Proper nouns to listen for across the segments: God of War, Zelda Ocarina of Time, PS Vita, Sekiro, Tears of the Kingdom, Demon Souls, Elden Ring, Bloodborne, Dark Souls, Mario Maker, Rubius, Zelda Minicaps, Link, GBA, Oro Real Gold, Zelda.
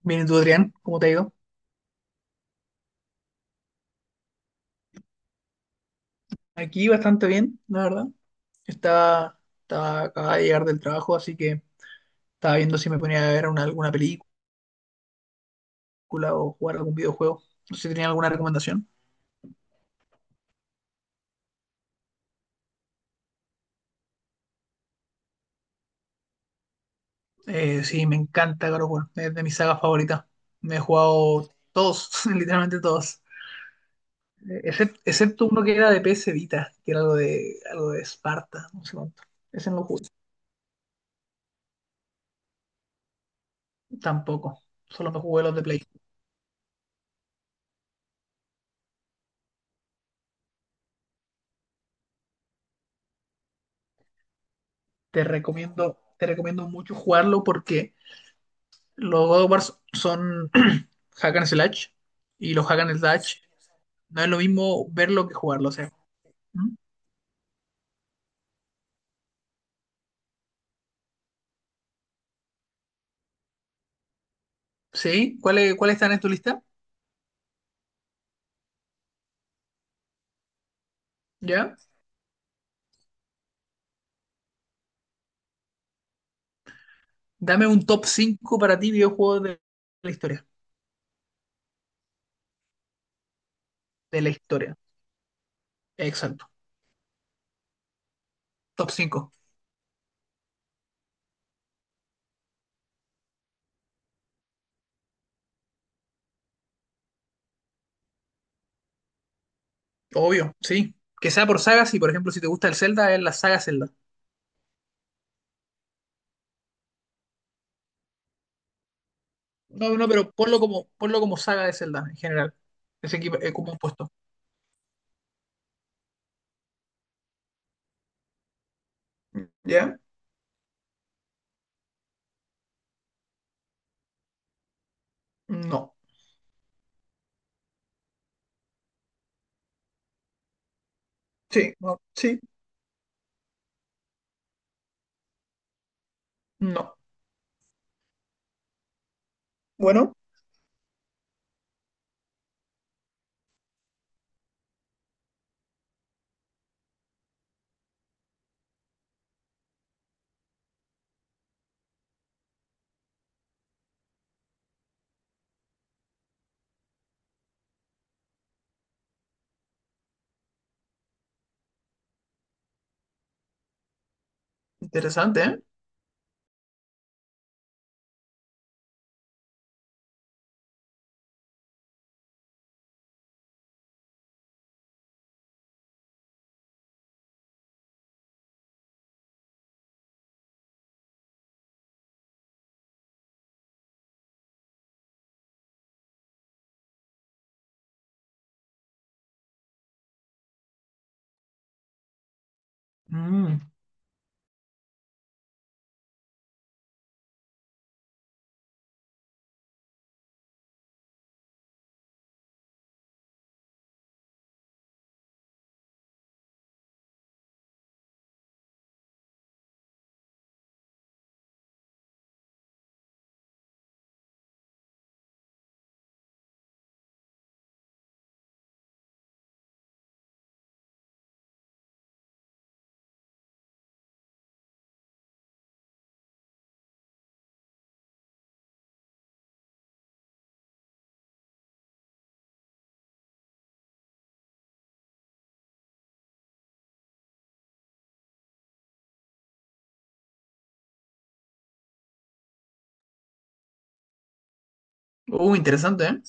Bien, ¿y tú, Adrián? ¿Cómo te ha ido? Aquí bastante bien, la verdad. Acababa de llegar del trabajo, así que estaba viendo si me ponía a ver alguna película o jugar algún videojuego. No sé si tenía alguna recomendación. Sí, me encanta God of War, es de mis sagas favoritas. Me he jugado todos, literalmente todos. Excepto uno que era de PS Vita, que era algo de Esparta, no sé cuánto. Ese no lo jugué. Tampoco, solo me jugué los de Play. Te recomiendo mucho jugarlo porque los God of War son hack and slash y los hack and slash no es lo mismo verlo que jugarlo, o sea. ¿Mm? ¿Sí? ¿Cuáles están en tu lista? ¿Ya? Dame un top 5 para ti videojuegos de la historia. De la historia. Exacto. Top cinco. Obvio, sí. Que sea por sagas y, por ejemplo, si te gusta el Zelda, es la saga Zelda. No, no, pero ponlo como saga de Zelda en general. Ese equipo es como un puesto. ¿Ya? No. Sí, no, sí, no. Bueno, interesante, ¿eh? Mm. Interesante, ¿eh?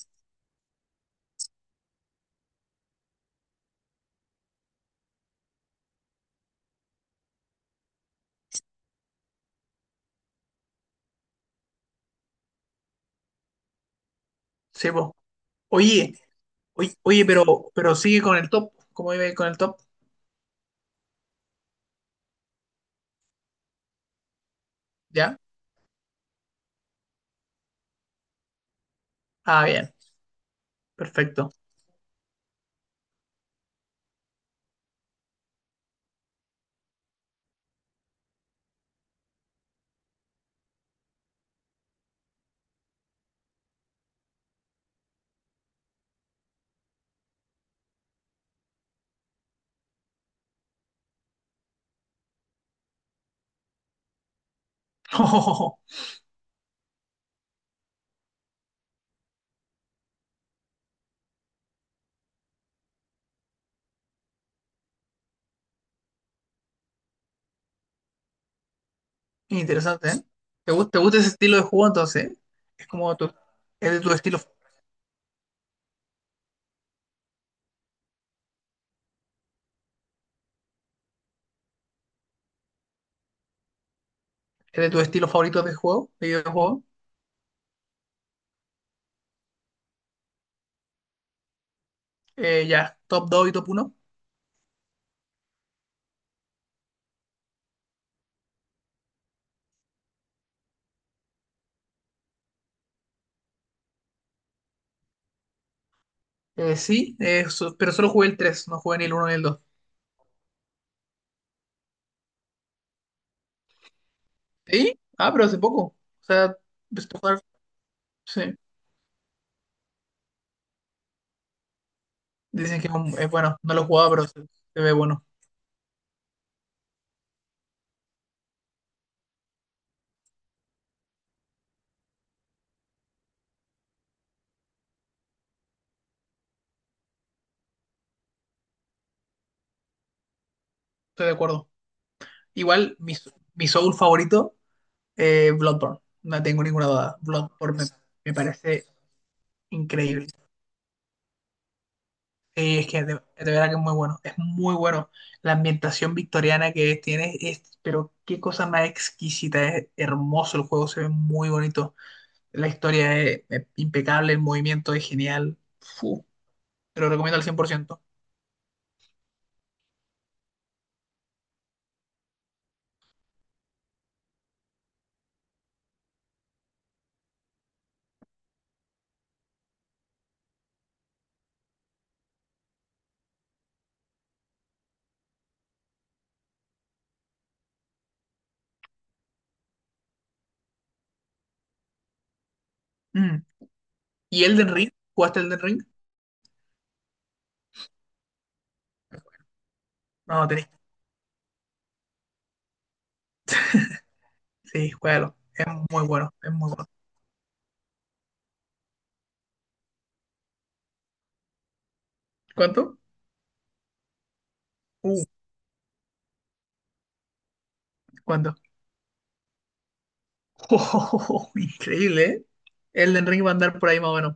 Sí, po. Oye, oye, oye, pero sigue con el top. ¿Cómo iba con el top? ¿Ya? Ah, bien. Perfecto. Interesante, ¿eh? ¿Te gusta ese estilo de juego entonces? ¿Eh? Es como tu, es de tu estilo, es de tu estilo favorito de juego, de videojuego. Ya, top dos y top uno. Pero solo jugué el tres, no jugué ni el uno ni el dos. ¿Sí? Ah, pero hace poco. O sea, empecé a jugar, sí. Dicen que es bueno, no lo he jugado, pero se ve bueno. Estoy de acuerdo. Igual, mi Soul favorito, Bloodborne. No tengo ninguna duda. Bloodborne me, me parece increíble. Sí, es que de verdad que es muy bueno. Es muy bueno. La ambientación victoriana que tiene es, pero qué cosa más exquisita. Es hermoso el juego, se ve muy bonito. La historia es impecable, el movimiento es genial. Fu, te lo recomiendo al 100%. Mm. ¿Y Elden Ring? ¿Jugaste Elden Ring? No, tenés. Sí, juégalo. Es muy bueno, es muy bueno. ¿Cuánto? Uh, ¿Cuánto? Increíble, ¿eh? Elden Ring va a andar por ahí más o menos.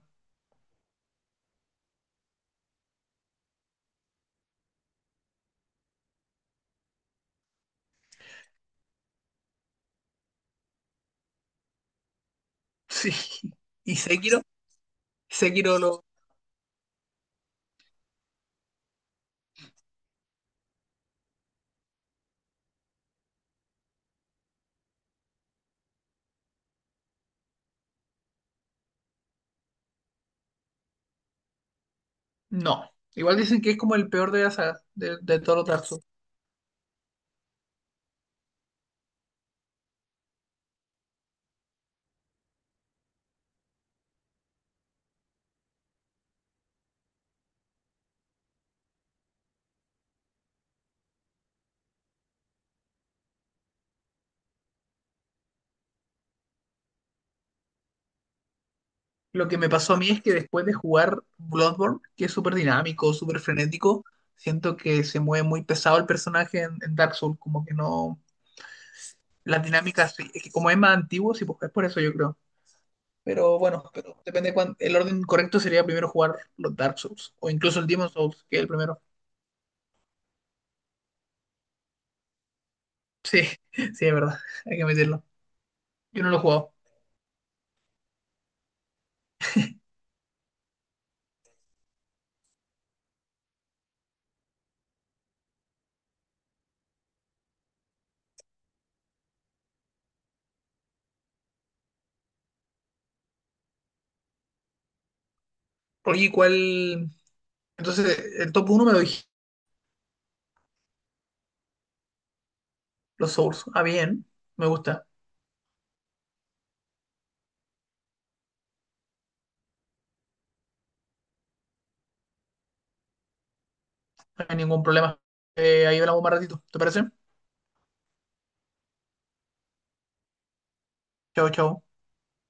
Sí. ¿Y Sekiro? Sekiro lo... No. Igual dicen que es como el peor de la saga, de todos los Dark Souls. Lo que me pasó a mí es que después de jugar Bloodborne, que es súper dinámico, súper frenético, siento que se mueve muy pesado el personaje en Dark Souls, como que no... Las dinámicas, sí, es que como es más antiguo, sí, pues es por eso yo creo. Pero bueno, pero el orden correcto sería primero jugar los Dark Souls, o incluso el Demon Souls, que es el primero. Sí, sí, es verdad, hay que admitirlo. Yo no lo he jugado. Oye, ¿cuál? Entonces, el top uno me lo dije, los Souls. Ah, bien, me gusta, no hay ningún problema. Ahí hablamos más ratito, ¿te parece? Chao, chao.